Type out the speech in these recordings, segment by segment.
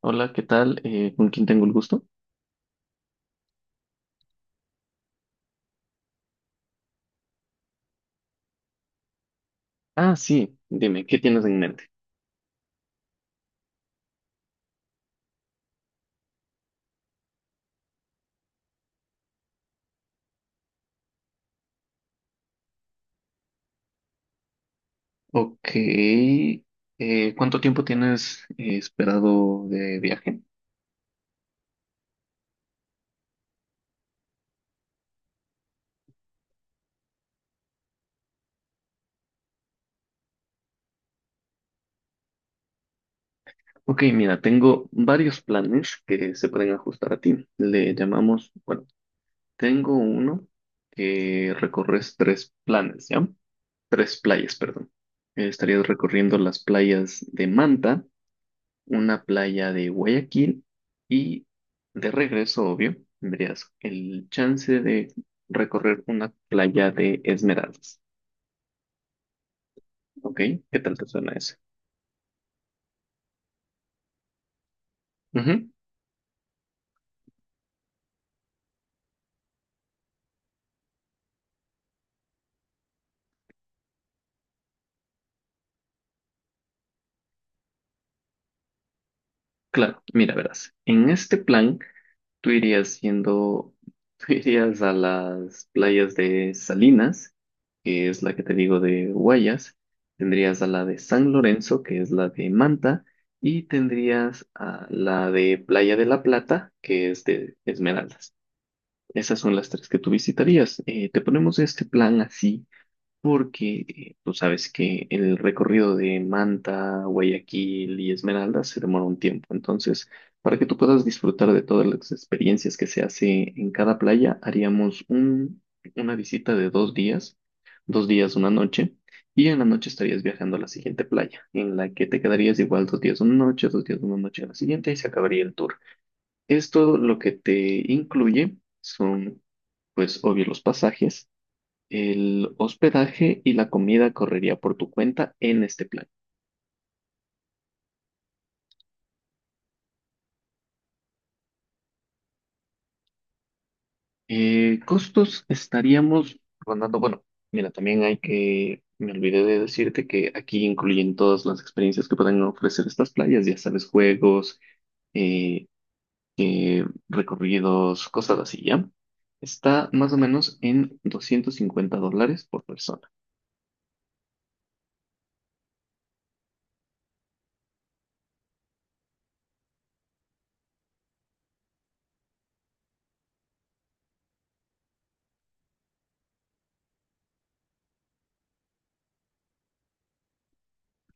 Hola, ¿qué tal? ¿Con quién tengo el gusto? Ah, sí, dime, ¿qué tienes en mente? Ok, ¿cuánto tiempo tienes esperado de viaje? Ok, mira, tengo varios planes que se pueden ajustar a ti. Le llamamos, bueno, tengo uno que recorres tres planes, ¿ya? Tres playas, perdón. Estarías recorriendo las playas de Manta, una playa de Guayaquil y de regreso, obvio, tendrías el chance de recorrer una playa de Esmeraldas. ¿Ok? ¿Qué tal te suena eso? Ujú. Claro, mira, verás. En este plan, Tú irías siendo, tú irías a las playas de Salinas, que es la que te digo de Guayas, tendrías a la de San Lorenzo, que es la de Manta, y tendrías a la de Playa de la Plata, que es de Esmeraldas. Esas son las tres que tú visitarías. Te ponemos este plan así porque tú sabes que el recorrido de Manta, Guayaquil y Esmeralda se demora un tiempo. Entonces, para que tú puedas disfrutar de todas las experiencias que se hace en cada playa, haríamos una visita de 2 días, 2 días, una noche, y en la noche estarías viajando a la siguiente playa, en la que te quedarías igual 2 días, una noche, 2 días, una noche en la siguiente y se acabaría el tour. Esto lo que te incluye son, pues, obvio, los pasajes, el hospedaje, y la comida correría por tu cuenta en este plan. Costos estaríamos rondando, bueno, mira, también hay que, me olvidé de decirte que aquí incluyen todas las experiencias que pueden ofrecer estas playas, ya sabes, juegos, eh, recorridos, cosas así, ¿ya? Está más o menos en $250 por persona.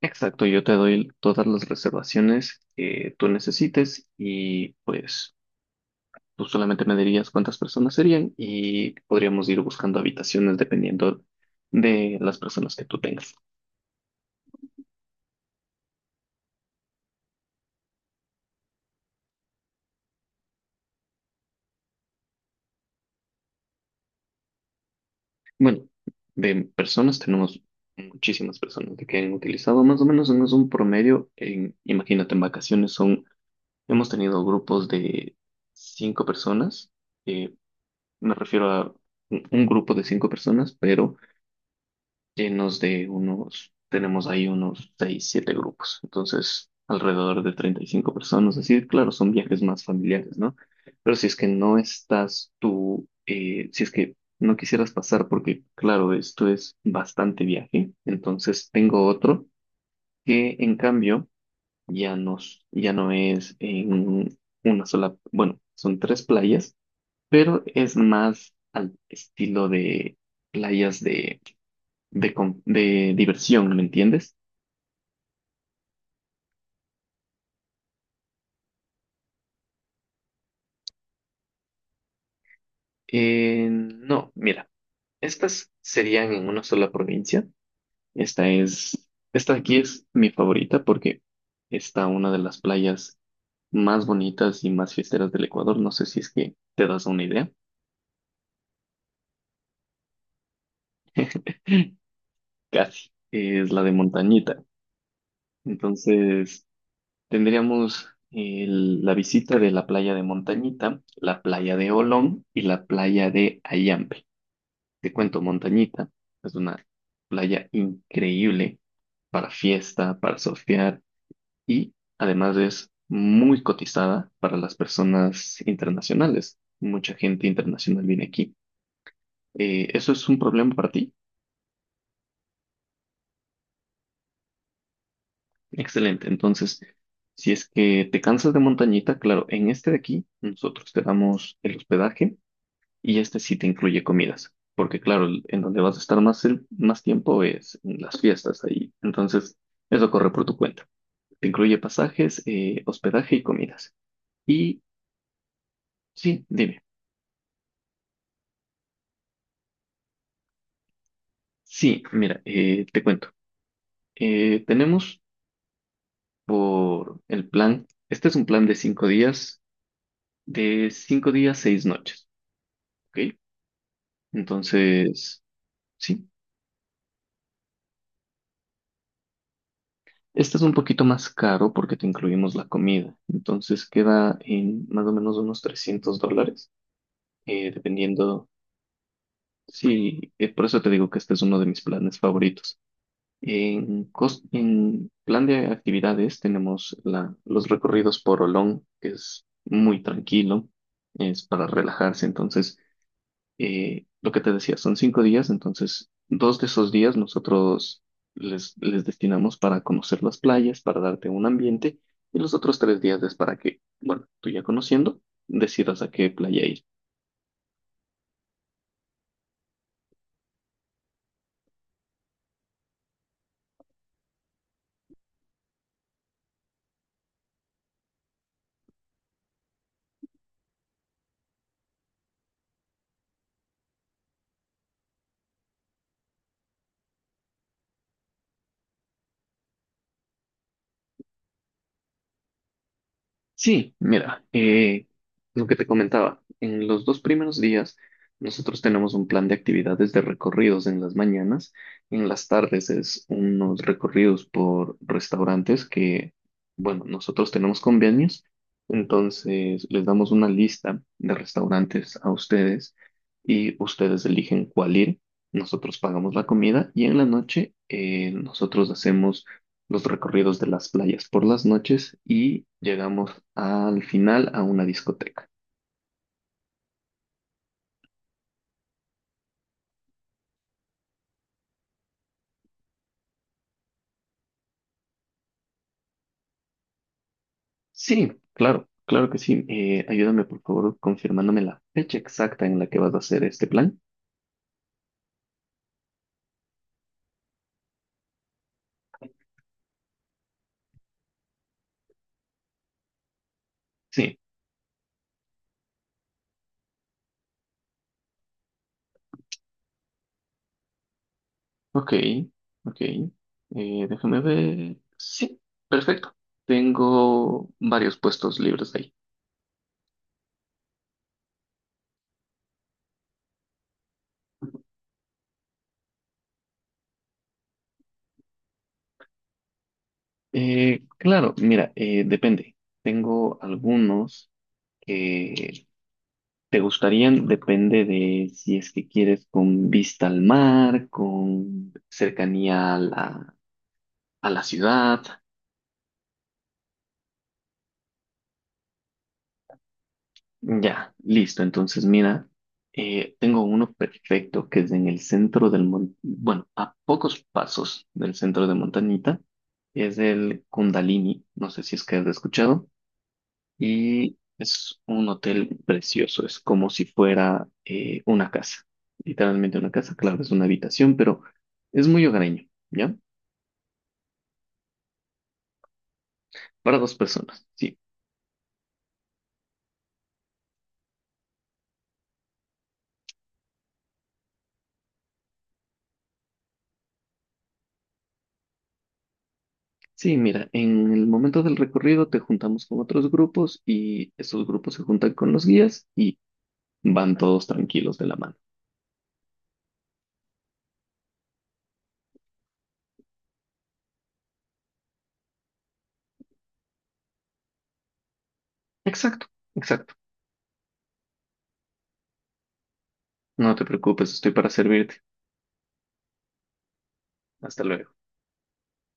Exacto, yo te doy todas las reservaciones que tú necesites, y pues tú solamente me dirías cuántas personas serían y podríamos ir buscando habitaciones dependiendo de las personas que tú tengas. Bueno, de personas tenemos muchísimas personas de que han utilizado más o menos en un promedio, en, imagínate, en vacaciones son, hemos tenido grupos de cinco personas, eh, me refiero a un grupo de cinco personas, pero llenos de unos, tenemos ahí unos 6 7 grupos, entonces alrededor de 35 personas, así, claro, son viajes más familiares, ¿no? Pero si es que no estás tú, si es que no quisieras pasar, porque claro, esto es bastante viaje, entonces tengo otro que en cambio ya no, ya no es en una sola, bueno, son tres playas, pero es más al estilo de playas de de diversión, ¿me entiendes? No, mira, estas serían en una sola provincia. Esta es, esta de aquí es mi favorita porque está una de las playas más bonitas y más fiesteras del Ecuador. No sé si es que te das una idea. Casi. Es la de Montañita. Entonces, tendríamos la visita de la playa de Montañita, la playa de Olón y la playa de Ayampe. Te cuento, Montañita es una playa increíble para fiesta, para surfear y además es muy cotizada para las personas internacionales. Mucha gente internacional viene aquí. ¿Eso es un problema para ti? Excelente. Entonces, si es que te cansas de Montañita, claro, en este de aquí nosotros te damos el hospedaje y este sí te incluye comidas. Porque claro, en donde vas a estar más, más tiempo es en las fiestas ahí. Entonces, eso corre por tu cuenta. Te incluye pasajes, hospedaje y comidas. Y sí, dime. Sí, mira, te cuento. Tenemos por el plan, este es un plan de 5 días, de cinco días, 6 noches, ¿ok? Entonces, sí, este es un poquito más caro porque te incluimos la comida. Entonces queda en más o menos unos $300, dependiendo, sí, por eso te digo que este es uno de mis planes favoritos. En plan de actividades tenemos los recorridos por Olón, que es muy tranquilo, es para relajarse. Entonces, lo que te decía, son 5 días, entonces dos de esos días nosotros les destinamos para conocer las playas, para darte un ambiente, y los otros 3 días es para que, bueno, tú ya conociendo, decidas a qué playa ir. Sí, mira, lo que te comentaba, en los dos primeros días nosotros tenemos un plan de actividades de recorridos en las mañanas, en las tardes es unos recorridos por restaurantes que, bueno, nosotros tenemos convenios, entonces les damos una lista de restaurantes a ustedes y ustedes eligen cuál ir, nosotros pagamos la comida y en la noche nosotros hacemos los recorridos de las playas por las noches y llegamos al final a una discoteca. Sí, claro, claro que sí. Ayúdame por favor confirmándome la fecha exacta en la que vas a hacer este plan. Sí, ok, ok. Déjame ver. Sí, perfecto. Tengo varios puestos libres ahí. Claro, mira, depende. Tengo algunos que, ¿te gustarían? Depende de si es que quieres con vista al mar, con cercanía a la ciudad. Ya, listo. Entonces, mira, tengo uno perfecto que es en el centro del mon- bueno, a pocos pasos del centro de Montañita. Es el Kundalini. No sé si es que has escuchado. Y es un hotel precioso, es como si fuera una casa, literalmente una casa, claro, es una habitación, pero es muy hogareño, ¿ya? Para dos personas, sí. Sí, mira, en el momento del recorrido te juntamos con otros grupos y esos grupos se juntan con los guías y van todos tranquilos de la mano. Exacto, exacto. No te preocupes, estoy para servirte. Hasta luego.